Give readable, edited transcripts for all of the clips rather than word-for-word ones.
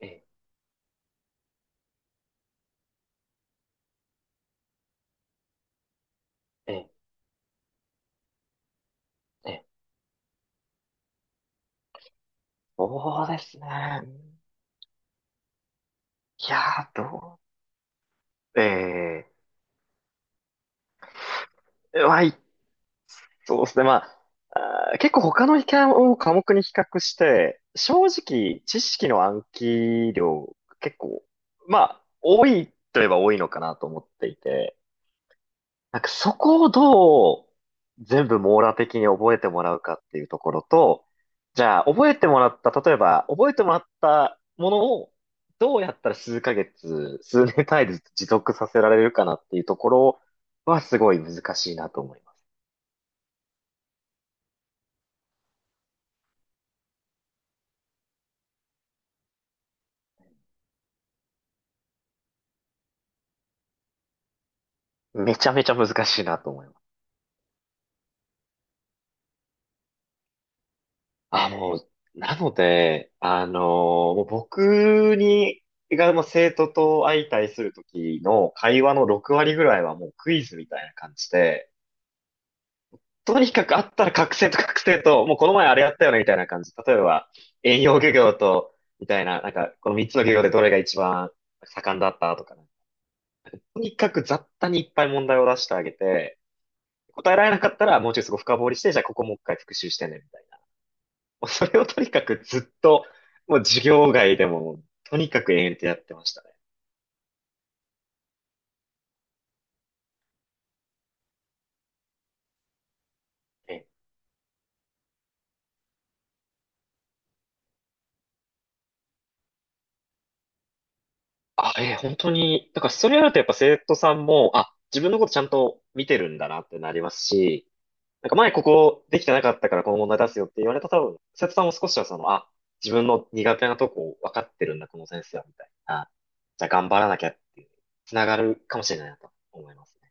ええ、ええ、ええ、そうですね。いやー、どう、ええ、はい、そうですね。まあ、結構他の科目に比較して、正直、知識の暗記量、結構、まあ、多いといえば多いのかなと思っていて、なんかそこをどう全部網羅的に覚えてもらうかっていうところと、じゃあ覚えてもらった、例えば覚えてもらったものをどうやったら数ヶ月、数年単位で持続させられるかなっていうところはすごい難しいなと思います。めちゃめちゃ難しいなと思います。あ、もう、なので、もう僕がもう生徒と相対する時の会話の6割ぐらいはもうクイズみたいな感じで、とにかくあったら覚醒と覚醒と、もうこの前あれやったよねみたいな感じ。例えば、遠洋漁業と、みたいな、なんか、この三つの漁業でどれが一番盛んだったとか、とにかく雑多にいっぱい問題を出してあげて、答えられなかったらもうちょいすごい深掘りして、じゃあここもう一回復習してね、みたいな。もうそれをとにかくずっと、もう授業外でも、とにかく延々とやってましたね。えあ、え本当に、だからそれやるとやっぱ生徒さんも、あ、自分のことちゃんと見てるんだなってなりますし、なんか前ここできてなかったからこの問題出すよって言われた多分、生徒さんも少しはその、あ、自分の苦手なとこ分かってるんだ、この先生は、みたいな。じゃあ頑張らなきゃっていう、つながるかもしれないなと思いますね。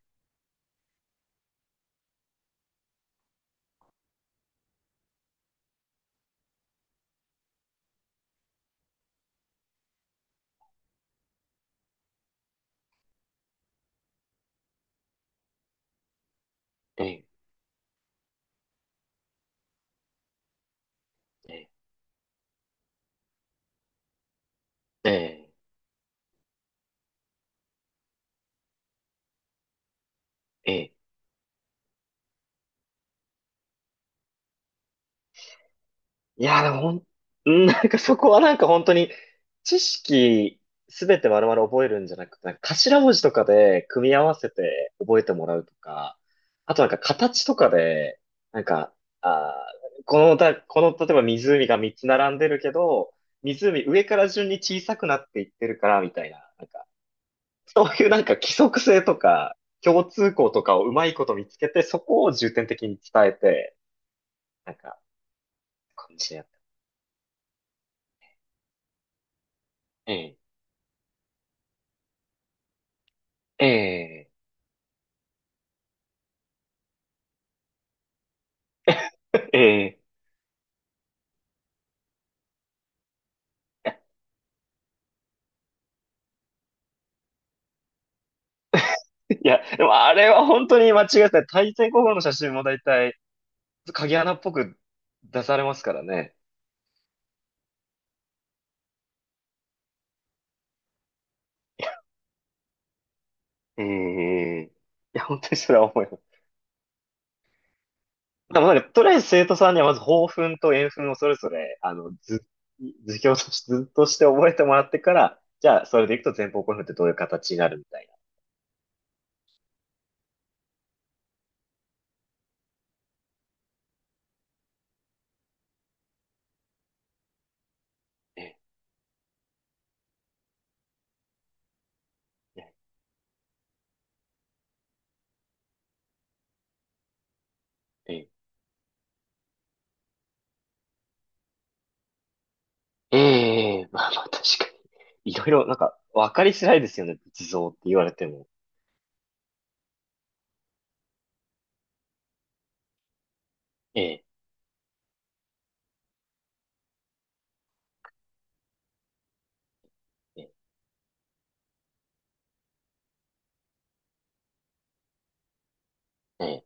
ええ、ええ、ええ、ええ。いや、でも、うん、なんかそこはなんか本当に、知識すべて丸々覚えるんじゃなくて、なんか頭文字とかで組み合わせて覚えてもらうとか、あとなんか形とかで、なんか、あこの、例えば湖が3つ並んでるけど、湖上から順に小さくなっていってるから、みたいな、なんか、そういうなんか規則性とか、共通項とかをうまいこと見つけて、そこを重点的に伝えて、なんか、感じでやった。ええ。ええ。ええ、いや、でもあれは本当に間違えてない。対戦候補の写真も大体、鍵穴っぽく出されますからね。ええ、いや、本当にそれは思います。でもなんか、とりあえず生徒さんにはまず抱憤と円憤をそれぞれ、図表として、図として覚えてもらってから、じゃあ、それでいくと前方後円墳ってどういう形になるみたいな。ええ、ええ、ええ、まあまあ、確かに。いろいろ、なんか、わかりづらいですよね。仏像って言われても。ええ、ええ、ええ、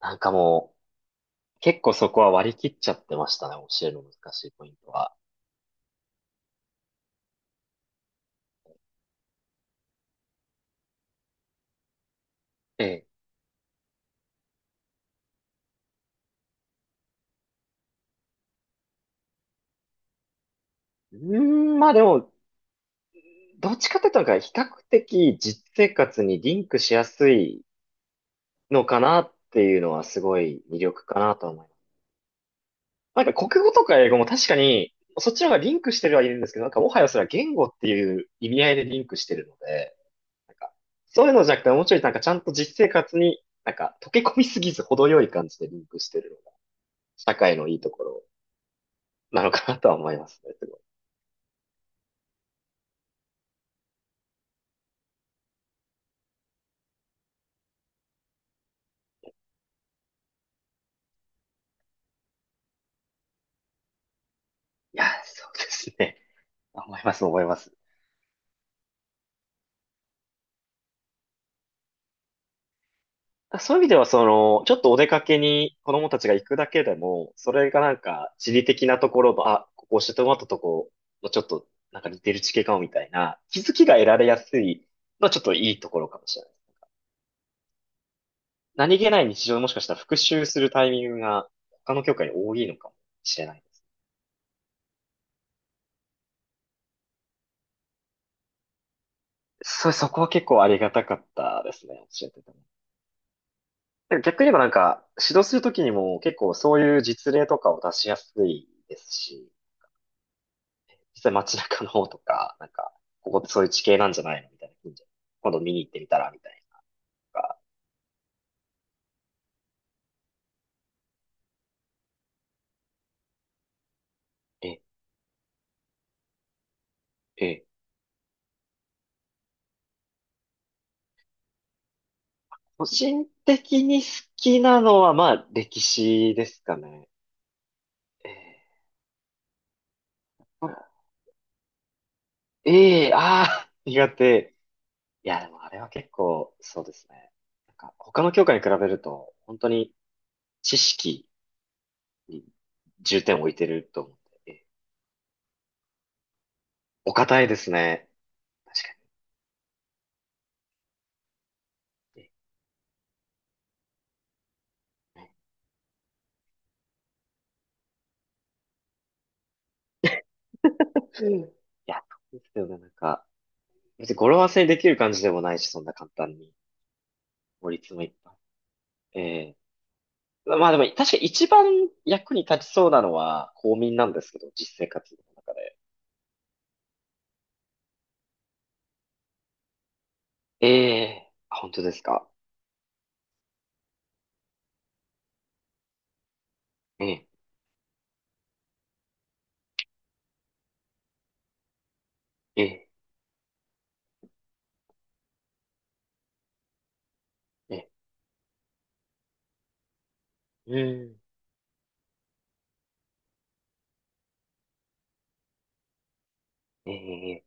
なんかもう、結構そこは割り切っちゃってましたね、教えるの難しいポイントは。ええ。うーん、まあでも、どっちかというと、比較的実生活にリンクしやすいのかなっていうのはすごい魅力かなと思います。なんか国語とか英語も確かに、そっちの方がリンクしてるはいるんですけど、なんかもはやそれは言語っていう意味合いでリンクしてるので、なんか、そういうのじゃなくて、もうちょいなんかちゃんと実生活に、なんか溶け込みすぎず程よい感じでリンクしてるのが、社会のいいところなのかなとは思いますね。いや、そうですね。思います、思います。そういう意味では、その、ちょっとお出かけに子供たちが行くだけでも、それがなんか地理的なところの、あ、ここ教えてもらったとこ、ちょっとなんか似てる地形かもみたいな、気づきが得られやすいのはちょっといいところかもしれない。何気ない日常でもしかしたら復習するタイミングが他の教科に多いのかもしれないです。そう、そこは結構ありがたかったですね、教えてても。で逆に言えばなんか、指導するときにも結構そういう実例とかを出しやすいですし、実際街中の方とか、なんか、ここってそういう地形なんじゃないのみたいな近所。今度見に行ってみたら、みたいなとかえ、え、個人的に好きなのは、まあ、歴史ですかね。えー、ああ、苦手。いや、でもあれは結構、そうですね。なんか、他の教科に比べると、本当に知識に重点を置いてると思って、お堅いですね。確かに。ね、うん、いや、そうですよね。なんか、別に語呂合わせにできる感じでもないし、そんな簡単に。盛りつもいっぱい。ええ、まあでも、確か一番役に立ちそうなのは公民なんですけど、実生活の中で。ええ、あ、本当ですか。ええ、ええ、ええ、うん。ええ、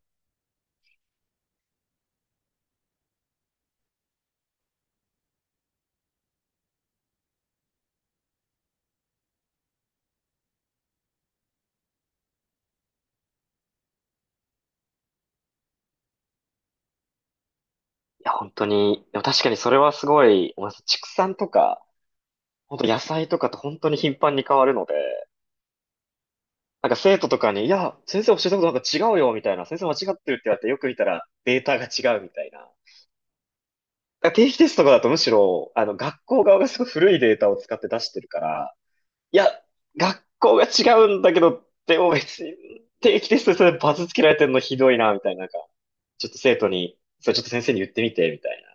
いや、本当に、でも確かにそれはすごい、おます畜産とか、本当野菜とかって本当に頻繁に変わるので、なんか生徒とかに、いや、先生教えたことなんか違うよ、みたいな、先生間違ってるって言われて、よく見たらデータが違うみたいな。あ、定期テストとかだとむしろ、学校側がすごい古いデータを使って出してるから、いや、学校が違うんだけど、でも別に、定期テストでそれバツつけられてるのひどいな、みたいな、なんか、ちょっと生徒に、それちょっと先生に言ってみて、みたいな、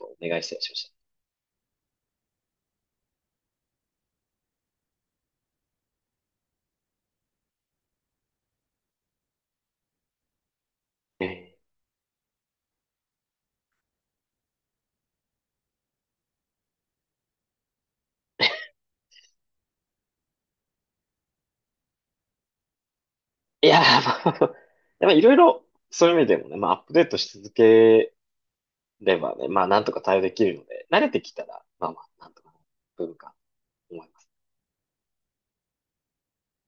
お願いしたりしました。いやー、まあ、でもいろいろ、そういう意味でもね、まあ、アップデートし続ければね、まあ、なんとか対応できるので、慣れてきたら、まあまあ、なんとか、文化、思います。